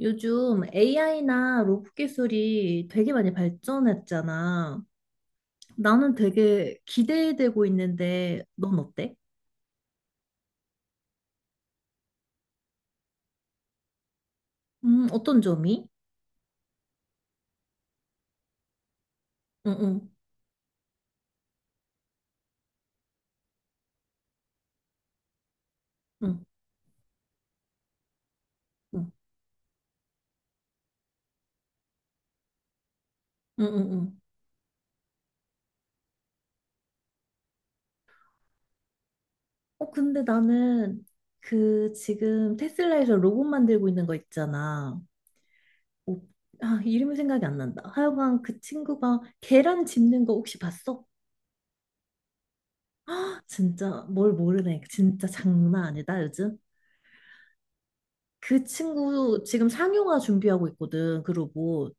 요즘 AI나 로봇 기술이 되게 많이 발전했잖아. 나는 되게 기대되고 있는데, 넌 어때? 어떤 점이? 응, 응, 응, 응, 응, 응. 응. 응. 어, 근데 나는 그 지금 테슬라에서 로봇 만들고 있는 거 있잖아. 어, 아, 이름이 생각이 안 난다. 하여간 그 친구가 계란 집는 거 혹시 봤어? 진짜 뭘 모르네. 진짜 장난 아니다, 요즘. 그 친구 지금 상용화 준비하고 있거든, 그 로봇.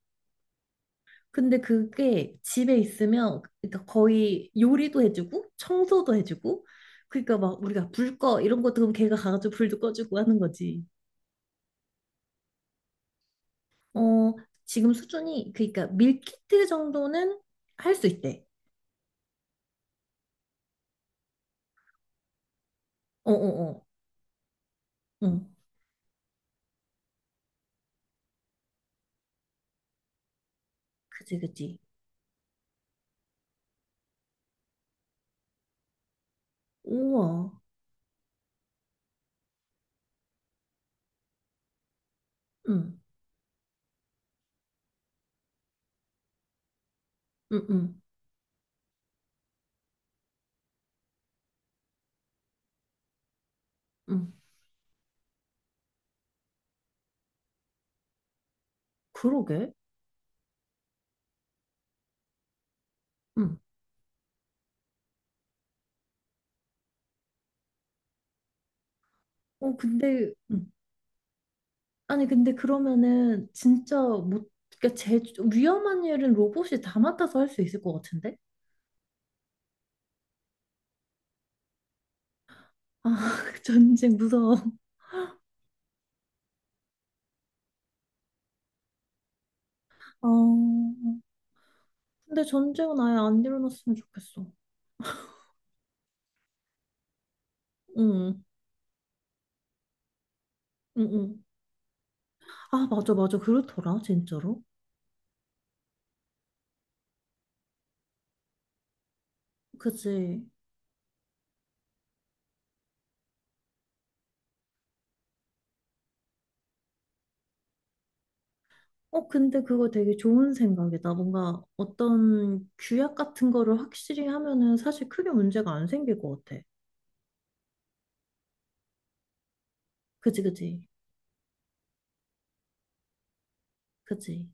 근데 그게 집에 있으면 그러니까 거의 요리도 해주고 청소도 해주고 그러니까 막 우리가 불 꺼 이런 것도 그럼 걔가 가가지고 불도 꺼주고 하는 거지. 어, 지금 수준이 그러니까 밀키트 정도는 할 수 있대. 어, 어, 어. 응. 그지, 그지. 우와. 응. 응, 응. 응. 그러게. 응. 어, 근데 응. 아니 근데 그러면은 진짜 못 그러니까 제 위험한 일은 로봇이 다 맡아서 할 수 있을 것 같은데? 아 전쟁 무서워. 어, 근데 전쟁은 아예 안 일어났으면 좋겠어. 응, 응, 응. 아 맞아 맞아 그렇더라 진짜로. 그치. 어 근데 그거 되게 좋은 생각이다. 뭔가 어떤 규약 같은 거를 확실히 하면은 사실 크게 문제가 안 생길 것 같아. 그치 그치 그치.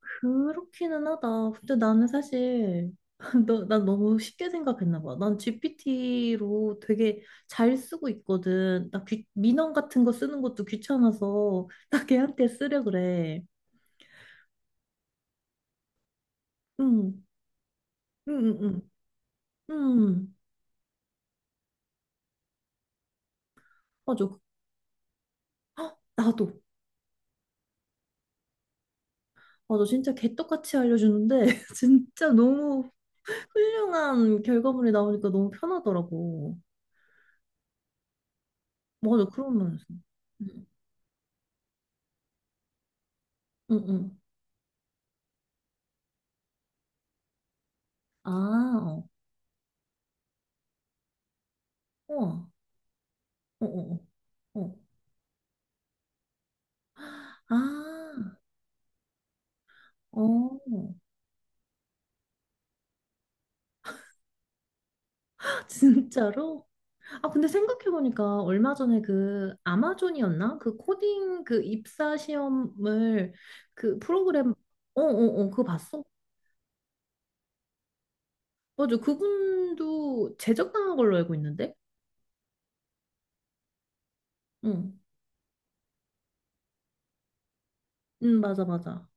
그렇기는 하다. 근데 나는 사실 너, 난 너무 쉽게 생각했나 봐. 난 GPT로 되게 잘 쓰고 있거든. 나 귀, 민원 같은 거 쓰는 것도 귀찮아서 나 걔한테 쓰려 그래. 응, 응, 응, 응. 응. 맞아. 헉, 나도. 맞아. 진짜 개떡같이 알려주는데 진짜 너무 훌륭한 결과물이 나오니까 너무 편하더라고. 맞아. 그런 면에서. 응, 응, 응. 아, 어. 우와. 어, 어, 어. 어. 아, 어. 진짜로? 아, 근데 생각해보니까 얼마 전에 그 아마존이었나? 그 코딩 그 입사 시험을 그 프로그램, 어, 어, 어, 그거 봤어? 맞아. 그분도 제적당한 걸로 알고 있는데? 응. 응, 맞아, 맞아.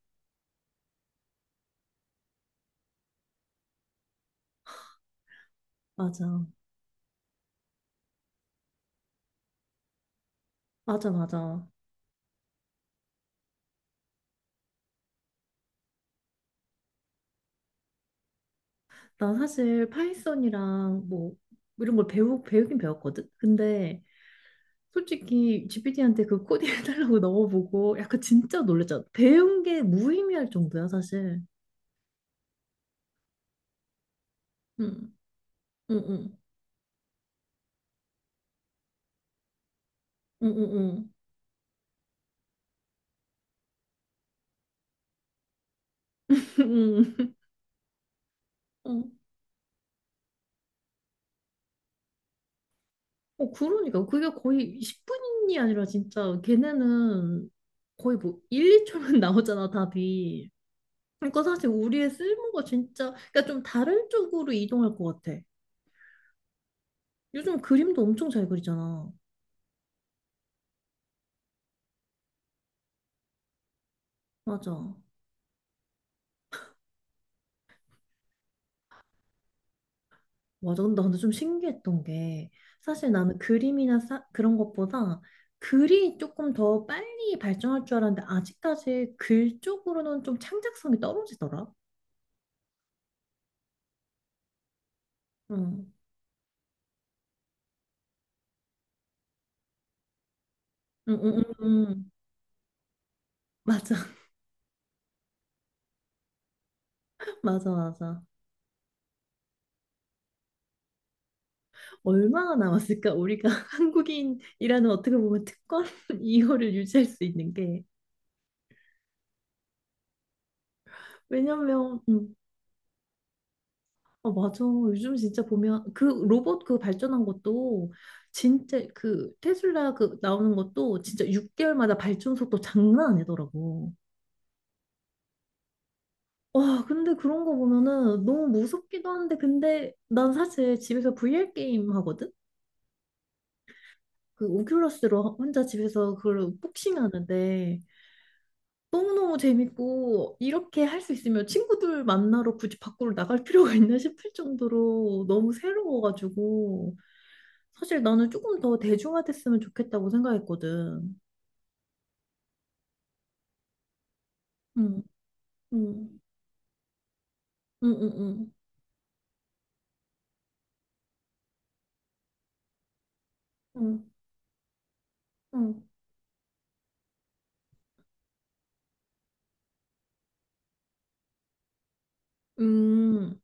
맞아. 맞아, 맞아. 난 사실 파이썬이랑 뭐 이런 걸 배우긴 배웠거든? 근데 솔직히 GPT한테 그 코딩 해달라고 넣어보고 약간 진짜 놀랬잖아. 배운 게 무의미할 정도야, 사실. 응, 응, 응, 응, 응, 응. 응. 어, 어, 그러니까. 그게 거의 10분이 아니라 진짜 걔네는 거의 뭐 1, 2초면 나오잖아, 답이. 그러니까 사실 우리의 쓸모가 진짜, 그러니까 좀 다른 쪽으로 이동할 것 같아. 요즘 그림도 엄청 잘 그리잖아. 맞아. 맞아. 근데 나는 좀 신기했던 게 사실 나는 그림이나 사, 그런 것보다 글이 조금 더 빨리 발전할 줄 알았는데 아직까지 글 쪽으로는 좀 창작성이 떨어지더라. 응. 응, 응, 응, 응. 맞아, 맞아, 맞아. 얼마나 남았을까? 우리가 한국인이라는 어떻게 보면 특권 이거를 유지할 수 있는 게. 왜냐면, 아, 맞아. 요즘 진짜 보면 그 로봇 그 발전한 것도 진짜 그 테슬라 그 나오는 것도 진짜 6개월마다 발전 속도 장난 아니더라고. 와, 근데 그런 거 보면은 너무 무섭기도 한데 근데 난 사실 집에서 VR 게임 하거든? 그 오큘러스로 혼자 집에서 그걸 복싱 하는데 너무너무 재밌고 이렇게 할 수 있으면 친구들 만나러 굳이 밖으로 나갈 필요가 있나 싶을 정도로 너무 새로워가지고 사실 나는 조금 더 대중화됐으면 좋겠다고 생각했거든. 응, 응, 응, 응, 응, 응, 응. 음,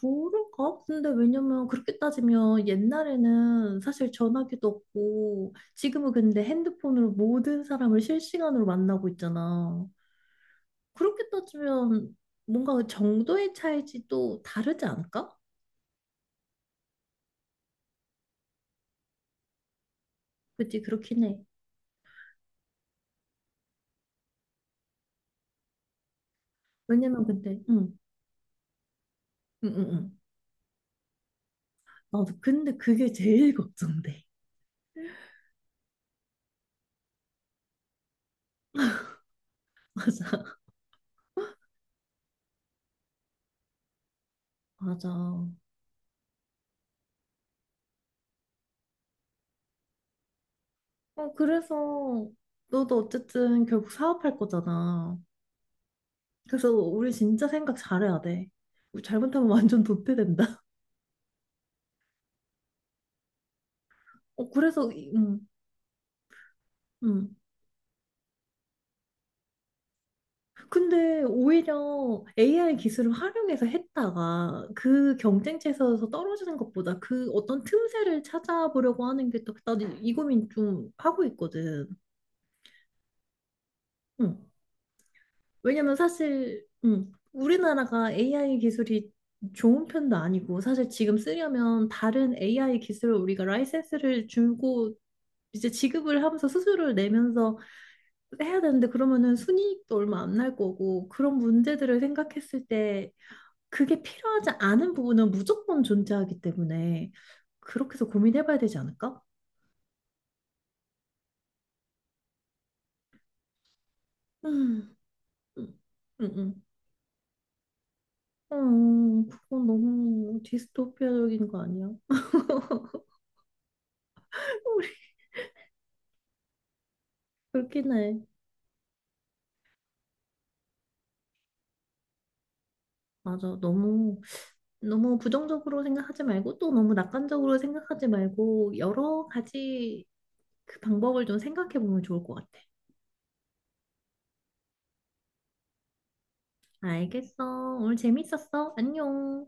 그럴까? 근데 왜냐면 그렇게 따지면 옛날에는 사실 전화기도 없고 지금은 근데 핸드폰으로 모든 사람을 실시간으로 만나고 있잖아. 그렇게 따지면 뭔가 그 정도의 차이지 또 다르지 않을까? 그치, 그렇긴 해. 왜냐면 근데, 응, 응, 응, 응. 나 근데 그게 제일 걱정돼. 맞아, 맞아. 어, 그래서 너도 어쨌든 결국 사업할 거잖아. 그래서 우리 진짜 생각 잘해야 돼. 우리 잘못하면 완전 도태된다. 어, 그래서, 이- 응, 응. 근데 오히려 AI 기술을 활용해서 했다가 그 경쟁체에서 떨어지는 것보다 그 어떤 틈새를 찾아보려고 하는 게 또, 나도 이 고민 좀 하고 있거든. 응. 왜냐면 사실, 응. 우리나라가 AI 기술이 좋은 편도 아니고, 사실 지금 쓰려면 다른 AI 기술을 우리가 라이센스를 주고, 이제 지급을 하면서 수수료를 내면서 해야 되는데 그러면은 순이익도 얼마 안 날 거고 그런 문제들을 생각했을 때 그게 필요하지 않은 부분은 무조건 존재하기 때문에 그렇게 해서 고민해봐야 되지 않을까? 음, 음, 음, 어, 그건 너무 디스토피아적인 거 아니야? 그렇긴 해. 맞아. 너무, 너무 부정적으로 생각하지 말고 또 너무 낙관적으로 생각하지 말고 여러 가지 그 방법을 좀 생각해 보면 좋을 것 같아. 알겠어. 오늘 재밌었어. 안녕.